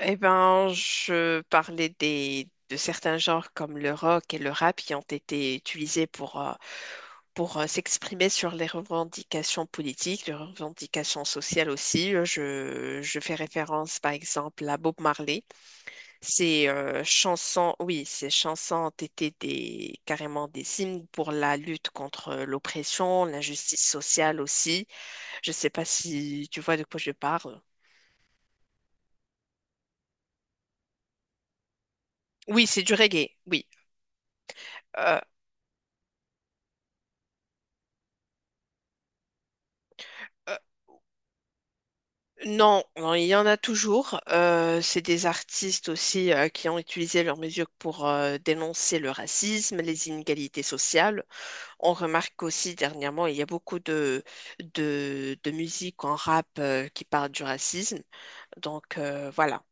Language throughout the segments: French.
Eh ben, je parlais de certains genres comme le rock et le rap qui ont été utilisés pour s'exprimer sur les revendications politiques, les revendications sociales aussi. Je fais référence par exemple à Bob Marley. Ces chansons ont été carrément des hymnes pour la lutte contre l'oppression, l'injustice sociale aussi. Je ne sais pas si tu vois de quoi je parle. Oui, c'est du reggae, oui. Euh, euh, Non, non, il y en a toujours. C'est des artistes aussi qui ont utilisé leurs mesures pour dénoncer le racisme, les inégalités sociales. On remarque aussi dernièrement, il y a beaucoup de musique en rap qui parle du racisme. Voilà.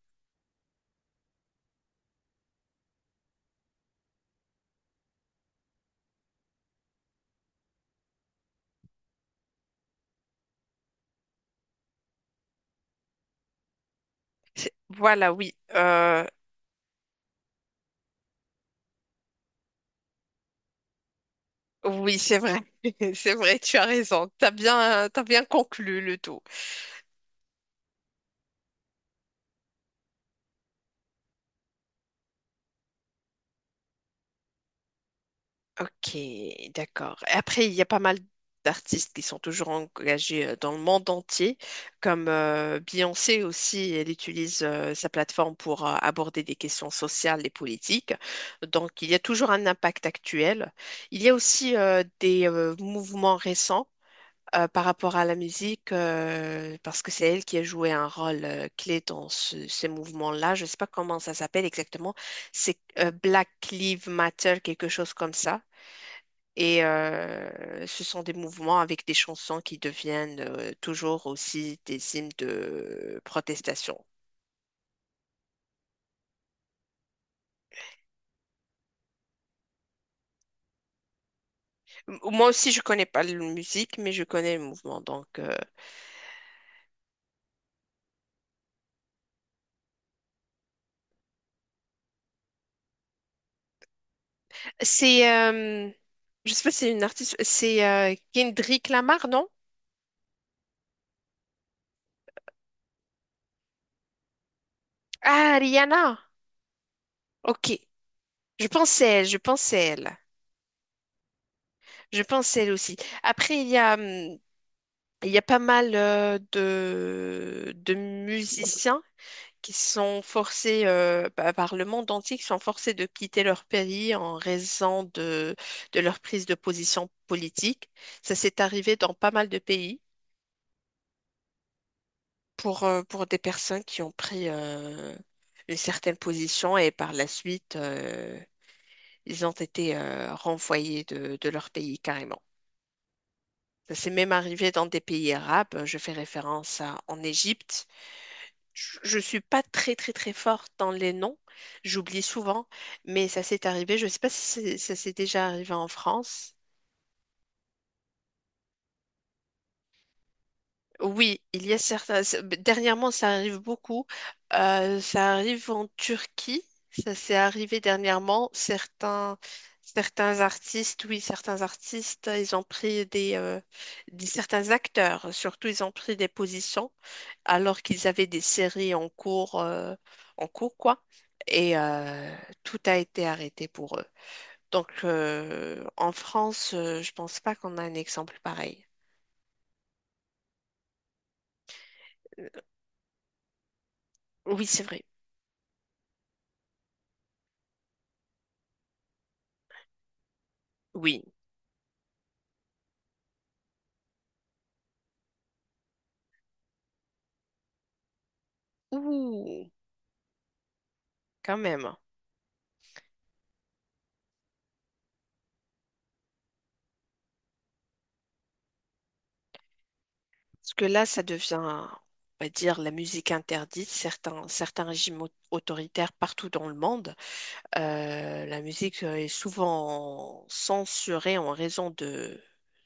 Voilà, oui. Oui, c'est vrai. C'est vrai, tu as raison. T'as bien conclu le tout. Ok, d'accord. Et après, il y a pas mal d'artistes qui sont toujours engagés dans le monde entier, comme Beyoncé aussi. Elle utilise sa plateforme pour aborder des questions sociales et politiques. Donc, il y a toujours un impact actuel. Il y a aussi des mouvements récents par rapport à la musique, parce que c'est elle qui a joué un rôle clé dans ces mouvements-là. Je ne sais pas comment ça s'appelle exactement. C'est Black Lives Matter, quelque chose comme ça. Et ce sont des mouvements avec des chansons qui deviennent toujours aussi des hymnes de protestation. Moi aussi, je connais pas la musique, mais je connais le mouvement. C'est, euh, je sais pas, si c'est une artiste, c'est Kendrick Lamar, non? Ah, Rihanna. Ok. Je pensais elle. Je pensais elle aussi. Après, il y a pas mal de musiciens qui sont forcés par le monde entier, qui sont forcés de quitter leur pays en raison de leur prise de position politique. Ça s'est arrivé dans pas mal de pays pour des personnes qui ont pris une certaine position et par la suite, ils ont été renvoyés de leur pays carrément. Ça s'est même arrivé dans des pays arabes. Je fais référence à, en Égypte. Je suis pas très très très forte dans les noms, j'oublie souvent, mais ça s'est arrivé. Je sais pas si ça s'est déjà arrivé en France. Oui, il y a certains. Dernièrement, ça arrive beaucoup. Ça arrive en Turquie. Ça s'est arrivé dernièrement. Certains artistes, oui, certains artistes, ils ont pris certains acteurs, surtout, ils ont pris des positions alors qu'ils avaient des séries en cours quoi. Et tout a été arrêté pour eux. Donc, en France, je pense pas qu'on a un exemple pareil. Euh, Oui, c'est vrai. Oui. Ouh, quand même. Parce que là, ça devient, on va dire, la musique interdite. Certains, certains régimes autoritaires partout dans le monde, la musique est souvent censurée en raison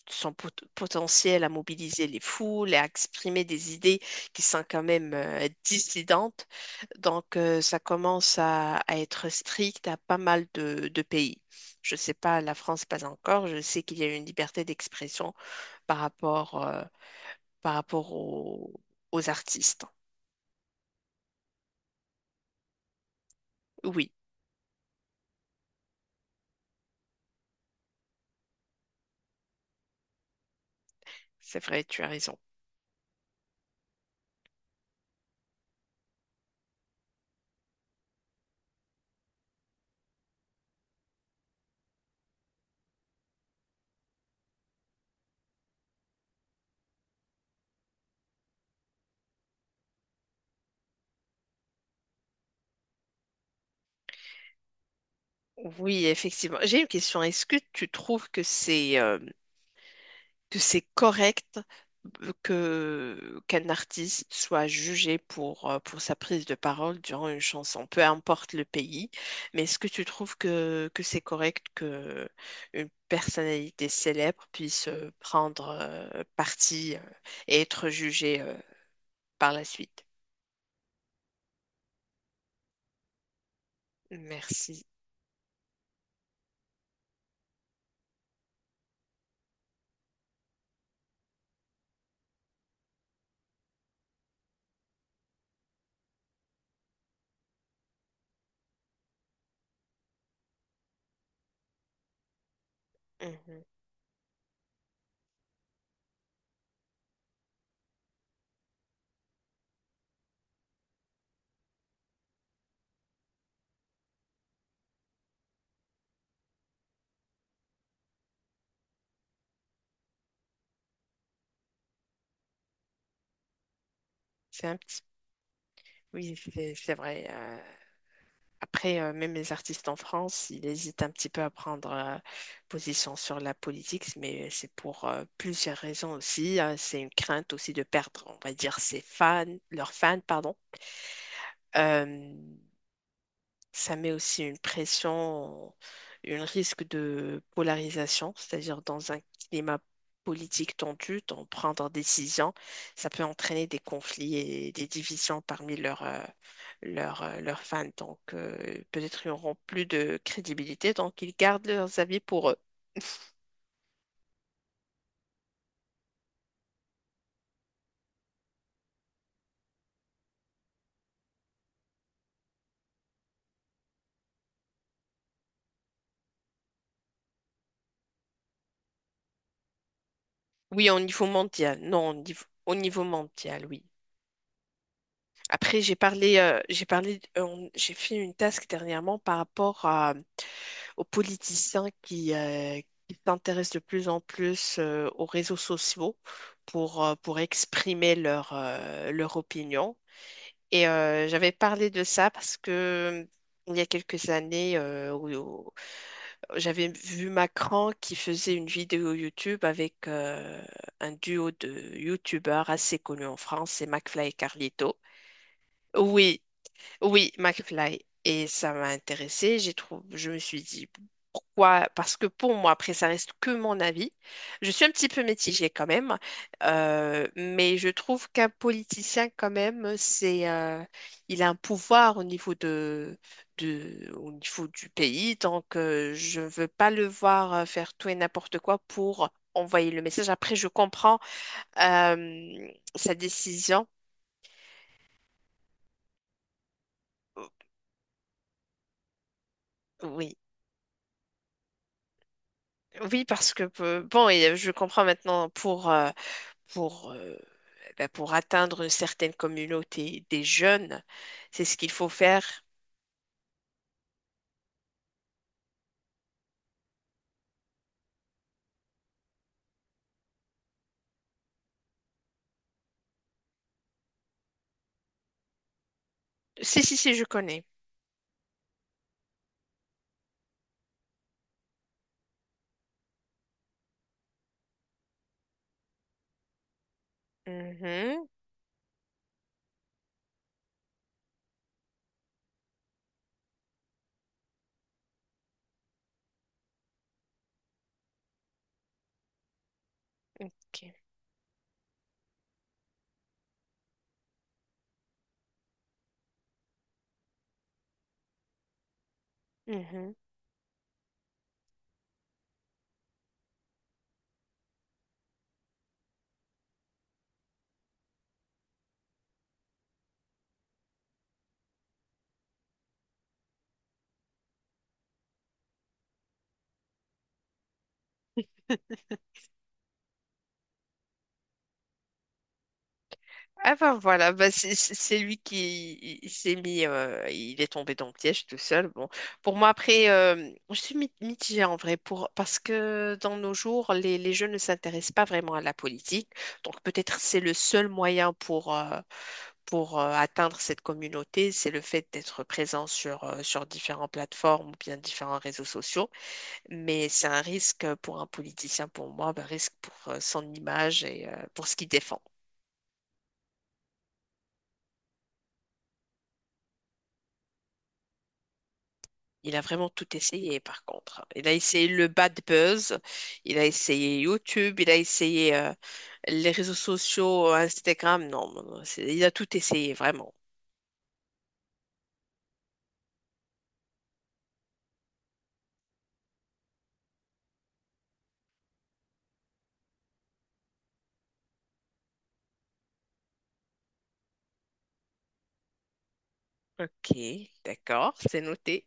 de son potentiel à mobiliser les foules et à exprimer des idées qui sont quand même dissidentes. Donc, ça commence à être strict à pas mal de pays. Je ne sais pas, la France pas encore. Je sais qu'il y a une liberté d'expression par rapport, euh, par rapport aux artistes. Oui, c'est vrai, tu as raison. Oui, effectivement. J'ai une question. Est-ce que tu trouves que c'est correct que qu'un artiste soit jugé pour sa prise de parole durant une chanson, peu importe le pays, mais est-ce que tu trouves que c'est correct que une personnalité célèbre puisse prendre parti et être jugée par la suite? Merci. Mhm. C'est un petit... Oui, c'est vrai. Après, même les artistes en France, ils hésitent un petit peu à prendre position sur la politique, mais c'est pour plusieurs raisons aussi. C'est une crainte aussi de perdre, on va dire, ses fans, leurs fans, pardon. Euh, Ça met aussi une pression, un risque de polarisation, c'est-à-dire dans un climat politique tendu, d'en prendre des décisions, ça peut entraîner des conflits et des divisions parmi leurs leurs fans. Donc, peut-être ils n'auront plus de crédibilité, donc ils gardent leurs avis pour eux. Oui, au niveau mondial. Non, au niveau mondial, oui. Après, j'ai parlé, j'ai fait une task dernièrement par rapport à aux politiciens qui s'intéressent de plus en plus aux réseaux sociaux pour exprimer leur opinion. Et j'avais parlé de ça parce que il y a quelques années, où j'avais vu Macron qui faisait une vidéo YouTube avec un duo de YouTubeurs assez connus en France, c'est McFly et Carlito. Oui, oui, McFly. Et ça m'a intéressée. J'ai trouvé, je me suis dit pourquoi? Parce que pour moi, après, ça reste que mon avis. Je suis un petit peu mitigée quand même, mais je trouve qu'un politicien quand même, il a un pouvoir au niveau au niveau du pays. Donc, je ne veux pas le voir faire tout et n'importe quoi pour envoyer le message. Après, je comprends euh, sa décision. Oui. Oui, parce que je comprends maintenant pour ben, pour atteindre une certaine communauté des jeunes, c'est ce qu'il faut faire. Si si si, je connais. Mhm, ok. Mhm. Ah ben voilà, bah c'est lui qui il s'est mis, il est tombé dans le piège tout seul. Bon, pour moi après, je suis mitigée en vrai pour parce que dans nos jours, les jeunes ne s'intéressent pas vraiment à la politique. Donc peut-être c'est le seul moyen pour atteindre cette communauté. C'est le fait d'être présent sur sur différentes plateformes ou bien différents réseaux sociaux. Mais c'est un risque pour un politicien, pour moi, un risque pour son image et pour ce qu'il défend. Il a vraiment tout essayé, par contre, hein. Il a essayé le bad buzz, il a essayé YouTube, il a essayé les réseaux sociaux, Instagram. Non, non, non, il a tout essayé, vraiment. Ok, d'accord, c'est noté.